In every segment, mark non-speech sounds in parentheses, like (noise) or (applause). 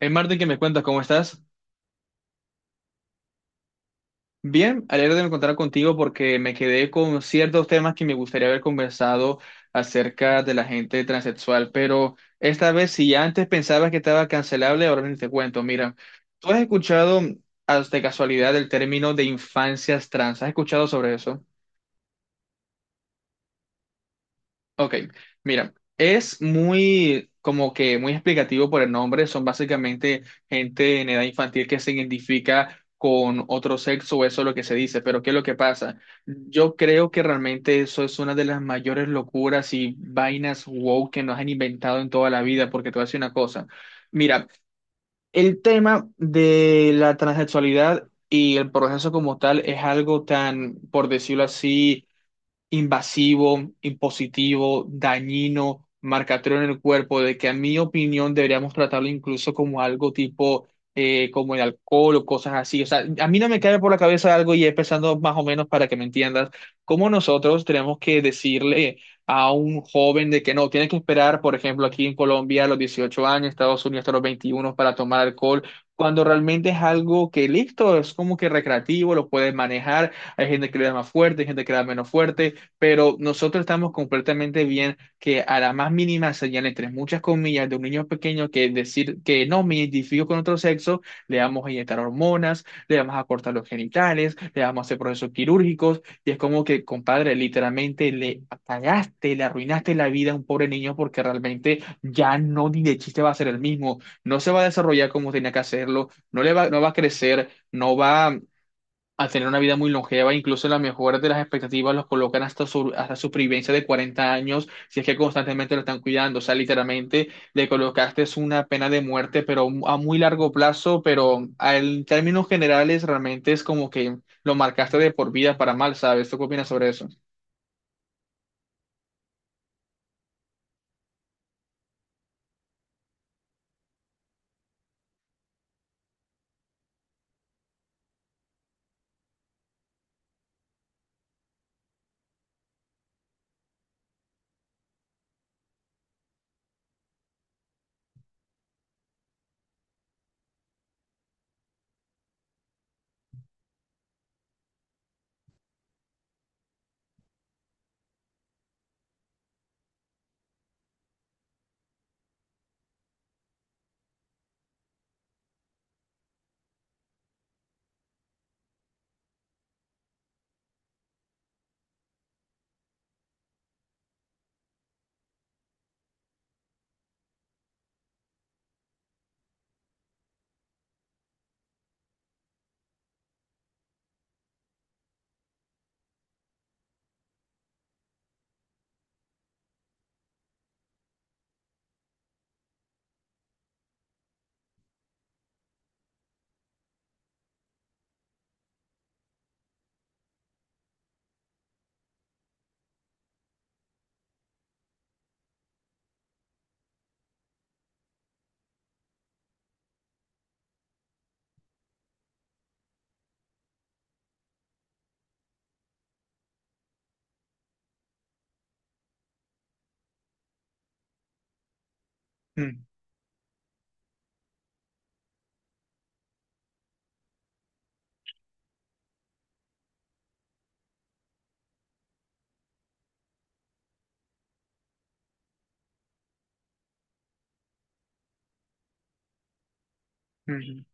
Hey Martín, ¿qué me cuentas? ¿Cómo estás? Bien, alegre de encontrar contigo porque me quedé con ciertos temas que me gustaría haber conversado acerca de la gente transexual, pero esta vez si antes pensabas que estaba cancelable, ahora ni te cuento. Mira, ¿tú has escuchado de casualidad el término de infancias trans? ¿Has escuchado sobre eso? Ok, mira, es muy como que muy explicativo por el nombre, son básicamente gente en edad infantil que se identifica con otro sexo, eso es lo que se dice, pero ¿qué es lo que pasa? Yo creo que realmente eso es una de las mayores locuras y vainas wow que nos han inventado en toda la vida, porque te voy a decir una cosa, mira, el tema de la transexualidad y el proceso como tal es algo tan, por decirlo así, invasivo, impositivo, dañino, marcatorio en el cuerpo, de que a mi opinión deberíamos tratarlo incluso como algo tipo, como el alcohol o cosas así. O sea, a mí no me cae por la cabeza algo y es pensando más o menos para que me entiendas, cómo nosotros tenemos que decirle a un joven de que no, tiene que esperar, por ejemplo, aquí en Colombia a los 18 años, Estados Unidos hasta los 21 para tomar alcohol. Cuando realmente es algo que listo, es como que recreativo, lo puedes manejar, hay gente que le da más fuerte, hay gente que le da menos fuerte, pero nosotros estamos completamente bien que a la más mínima señal, entre muchas comillas, de un niño pequeño que decir que no me identifico con otro sexo, le vamos a inyectar hormonas, le vamos a cortar los genitales, le vamos a hacer procesos quirúrgicos, y es como que, compadre, literalmente le apagaste, le arruinaste la vida a un pobre niño porque realmente ya no ni de chiste va a ser el mismo, no se va a desarrollar como tenía que hacerlo, no le va, no va a crecer, no va a tener una vida muy longeva, incluso la mejor de las expectativas los colocan hasta su supervivencia de 40 años, si es que constantemente lo están cuidando, o sea, literalmente le colocaste es una pena de muerte, pero a muy largo plazo, pero a- en términos generales realmente es como que lo marcaste de por vida para mal, ¿sabes? ¿Tú qué opinas sobre eso? Mm, mm.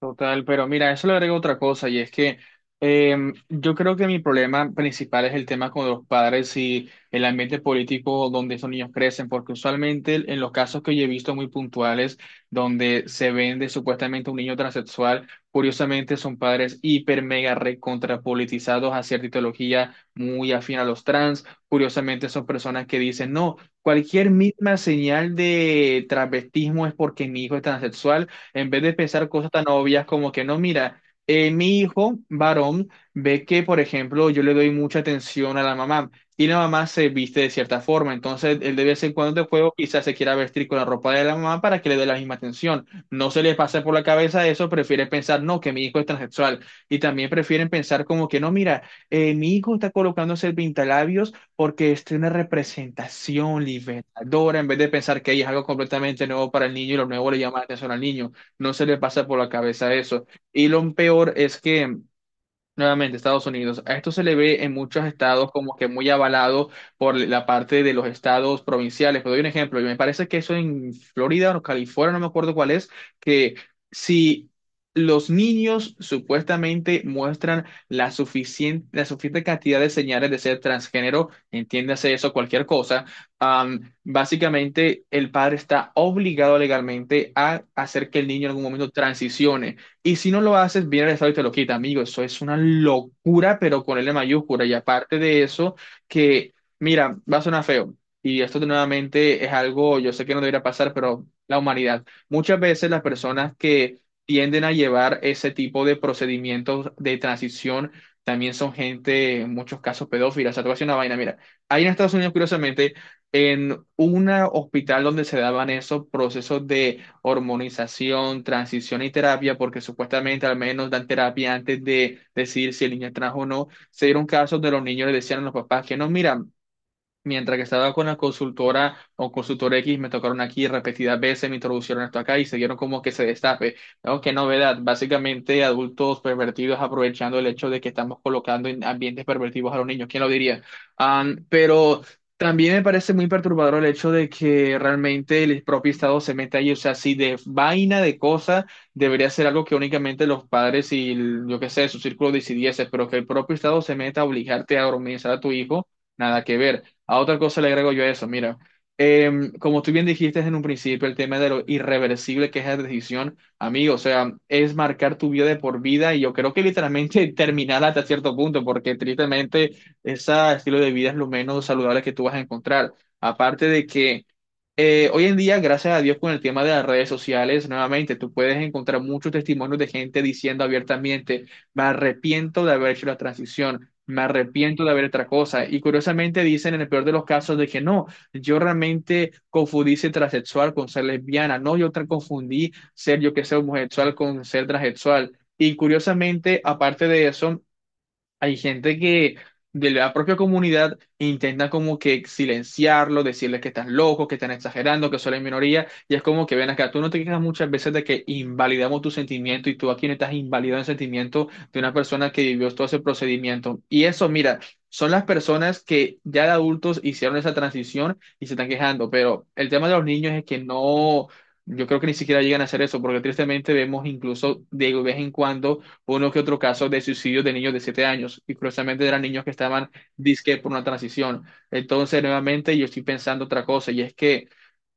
Total, pero mira, eso le agrego otra cosa y es que yo creo que mi problema principal es el tema con los padres y el ambiente político donde esos niños crecen, porque usualmente en los casos que yo he visto muy puntuales donde se vende supuestamente un niño transexual, curiosamente son padres hiper mega recontrapolitizados a cierta ideología muy afín a los trans, curiosamente son personas que dicen, no, cualquier misma señal de travestismo es porque mi hijo es transexual, en vez de pensar cosas tan obvias como que no, mira, mi hijo varón ve que, por ejemplo, yo le doy mucha atención a la mamá y la mamá se viste de cierta forma, entonces él de vez en cuando de juego quizás se quiera vestir con la ropa de la mamá para que le dé la misma atención. No se les pasa por la cabeza eso, prefieren pensar, no, que mi hijo es transexual, y también prefieren pensar como que, no, mira, mi hijo está colocándose el pintalabios porque es una representación libertadora, en vez de pensar que ahí es algo completamente nuevo para el niño y lo nuevo le llama la atención al niño, no se le pasa por la cabeza eso. Y lo peor es que, nuevamente, Estados Unidos. A esto se le ve en muchos estados como que muy avalado por la parte de los estados provinciales. Pero doy un ejemplo. Y me parece que eso en Florida o California, no me acuerdo cuál es, que si los niños supuestamente muestran la suficiente cantidad de señales de ser transgénero, entiéndase eso, cualquier cosa, básicamente el padre está obligado legalmente a hacer que el niño en algún momento transicione. Y si no lo haces, viene el Estado y te lo quita, amigo. Eso es una locura, pero con L mayúscula. Y aparte de eso, que, mira, va a sonar feo. Y esto de nuevamente es algo, yo sé que no debería pasar, pero la humanidad. Muchas veces las personas que tienden a llevar ese tipo de procedimientos de transición también son gente, en muchos casos, pedófilas. O sea, te voy a decir una vaina, mira. Ahí en Estados Unidos, curiosamente, en un hospital donde se daban esos procesos de hormonización, transición y terapia, porque supuestamente al menos dan terapia antes de decidir si el niño es trans o no. Se dieron casos de los niños le decían a los papás que no, mira, mientras que estaba con la consultora o consultor X, me tocaron aquí repetidas veces, me introducieron esto acá y siguieron como que se destape. ¿No? Qué novedad. Básicamente, adultos pervertidos aprovechando el hecho de que estamos colocando en ambientes pervertidos a los niños. ¿Quién lo diría? Pero también me parece muy perturbador el hecho de que realmente el propio Estado se meta ahí. O sea, si de vaina de cosas debería ser algo que únicamente los padres y el- yo qué sé, su círculo decidiese, pero que el propio Estado se meta a obligarte a organizar a tu hijo. Nada que ver. A otra cosa le agrego yo eso, mira, como tú bien dijiste en un principio, el tema de lo irreversible que es la decisión, amigo, o sea, es marcar tu vida de por vida y yo creo que literalmente (laughs) terminar hasta cierto punto, porque tristemente ese estilo de vida es lo menos saludable que tú vas a encontrar. Aparte de que hoy en día, gracias a Dios, con el tema de las redes sociales, nuevamente, tú puedes encontrar muchos testimonios de gente diciendo abiertamente, me arrepiento de haber hecho la transición, me arrepiento de haber otra cosa. Y curiosamente dicen en el peor de los casos de que no, yo realmente confundí ser transexual con ser lesbiana, no, yo confundí ser yo que sé homosexual con ser transexual. Y curiosamente, aparte de eso, hay gente que de la propia comunidad intenta como que silenciarlo, decirles que estás loco, que están exagerando, que solo hay minoría, y es como que ven acá, tú no te quejas muchas veces de que invalidamos tu sentimiento y tú aquí no estás invalidando el sentimiento de una persona que vivió todo ese procedimiento. Y eso, mira, son las personas que ya de adultos hicieron esa transición y se están quejando, pero el tema de los niños es que no, yo creo que ni siquiera llegan a hacer eso, porque tristemente vemos incluso de vez en cuando uno que otro caso de suicidio de niños de 7 años, y curiosamente eran niños que estaban disque por una transición. Entonces, nuevamente, yo estoy pensando otra cosa, y es que,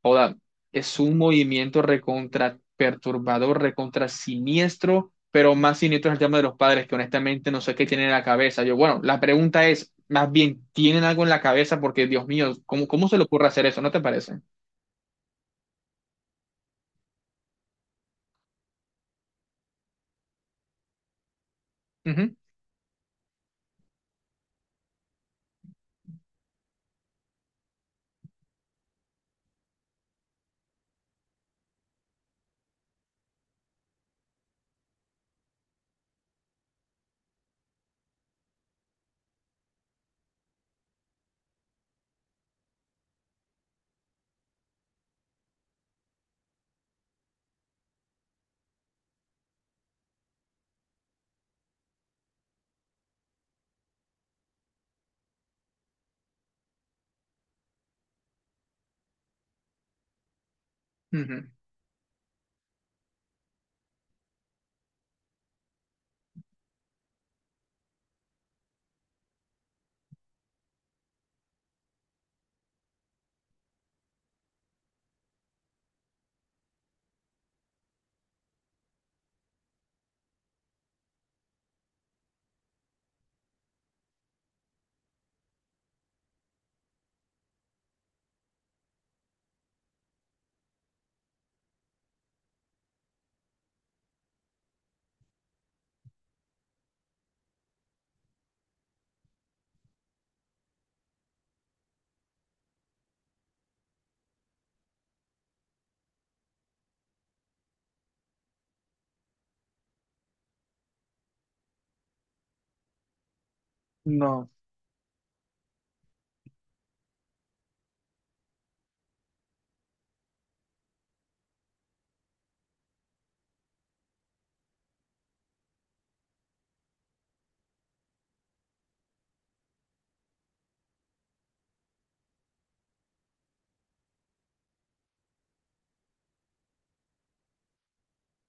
joda, es un movimiento recontra perturbador, recontra siniestro, pero más siniestro es el tema de los padres, que honestamente no sé qué tienen en la cabeza. Yo, bueno, la pregunta es, más bien, ¿tienen algo en la cabeza? Porque, Dios mío, ¿cómo, cómo se le ocurre hacer eso? ¿No te parece? Ujú, ujú. No.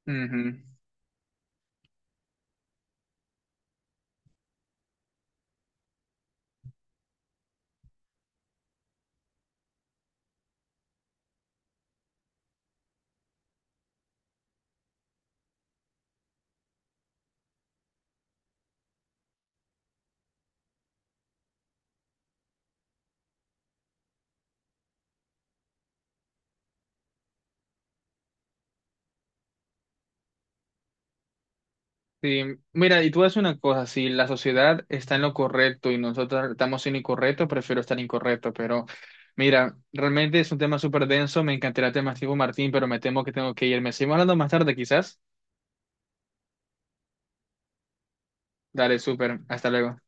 Ujú. Sí, mira, y tú haces una cosa, si la sociedad está en lo correcto y nosotros estamos en lo incorrecto, prefiero estar incorrecto, pero mira, realmente es un tema súper denso, me encantaría el tema, Martín, pero me temo que tengo que ir. Me seguimos hablando más tarde, quizás. Dale, súper, hasta luego.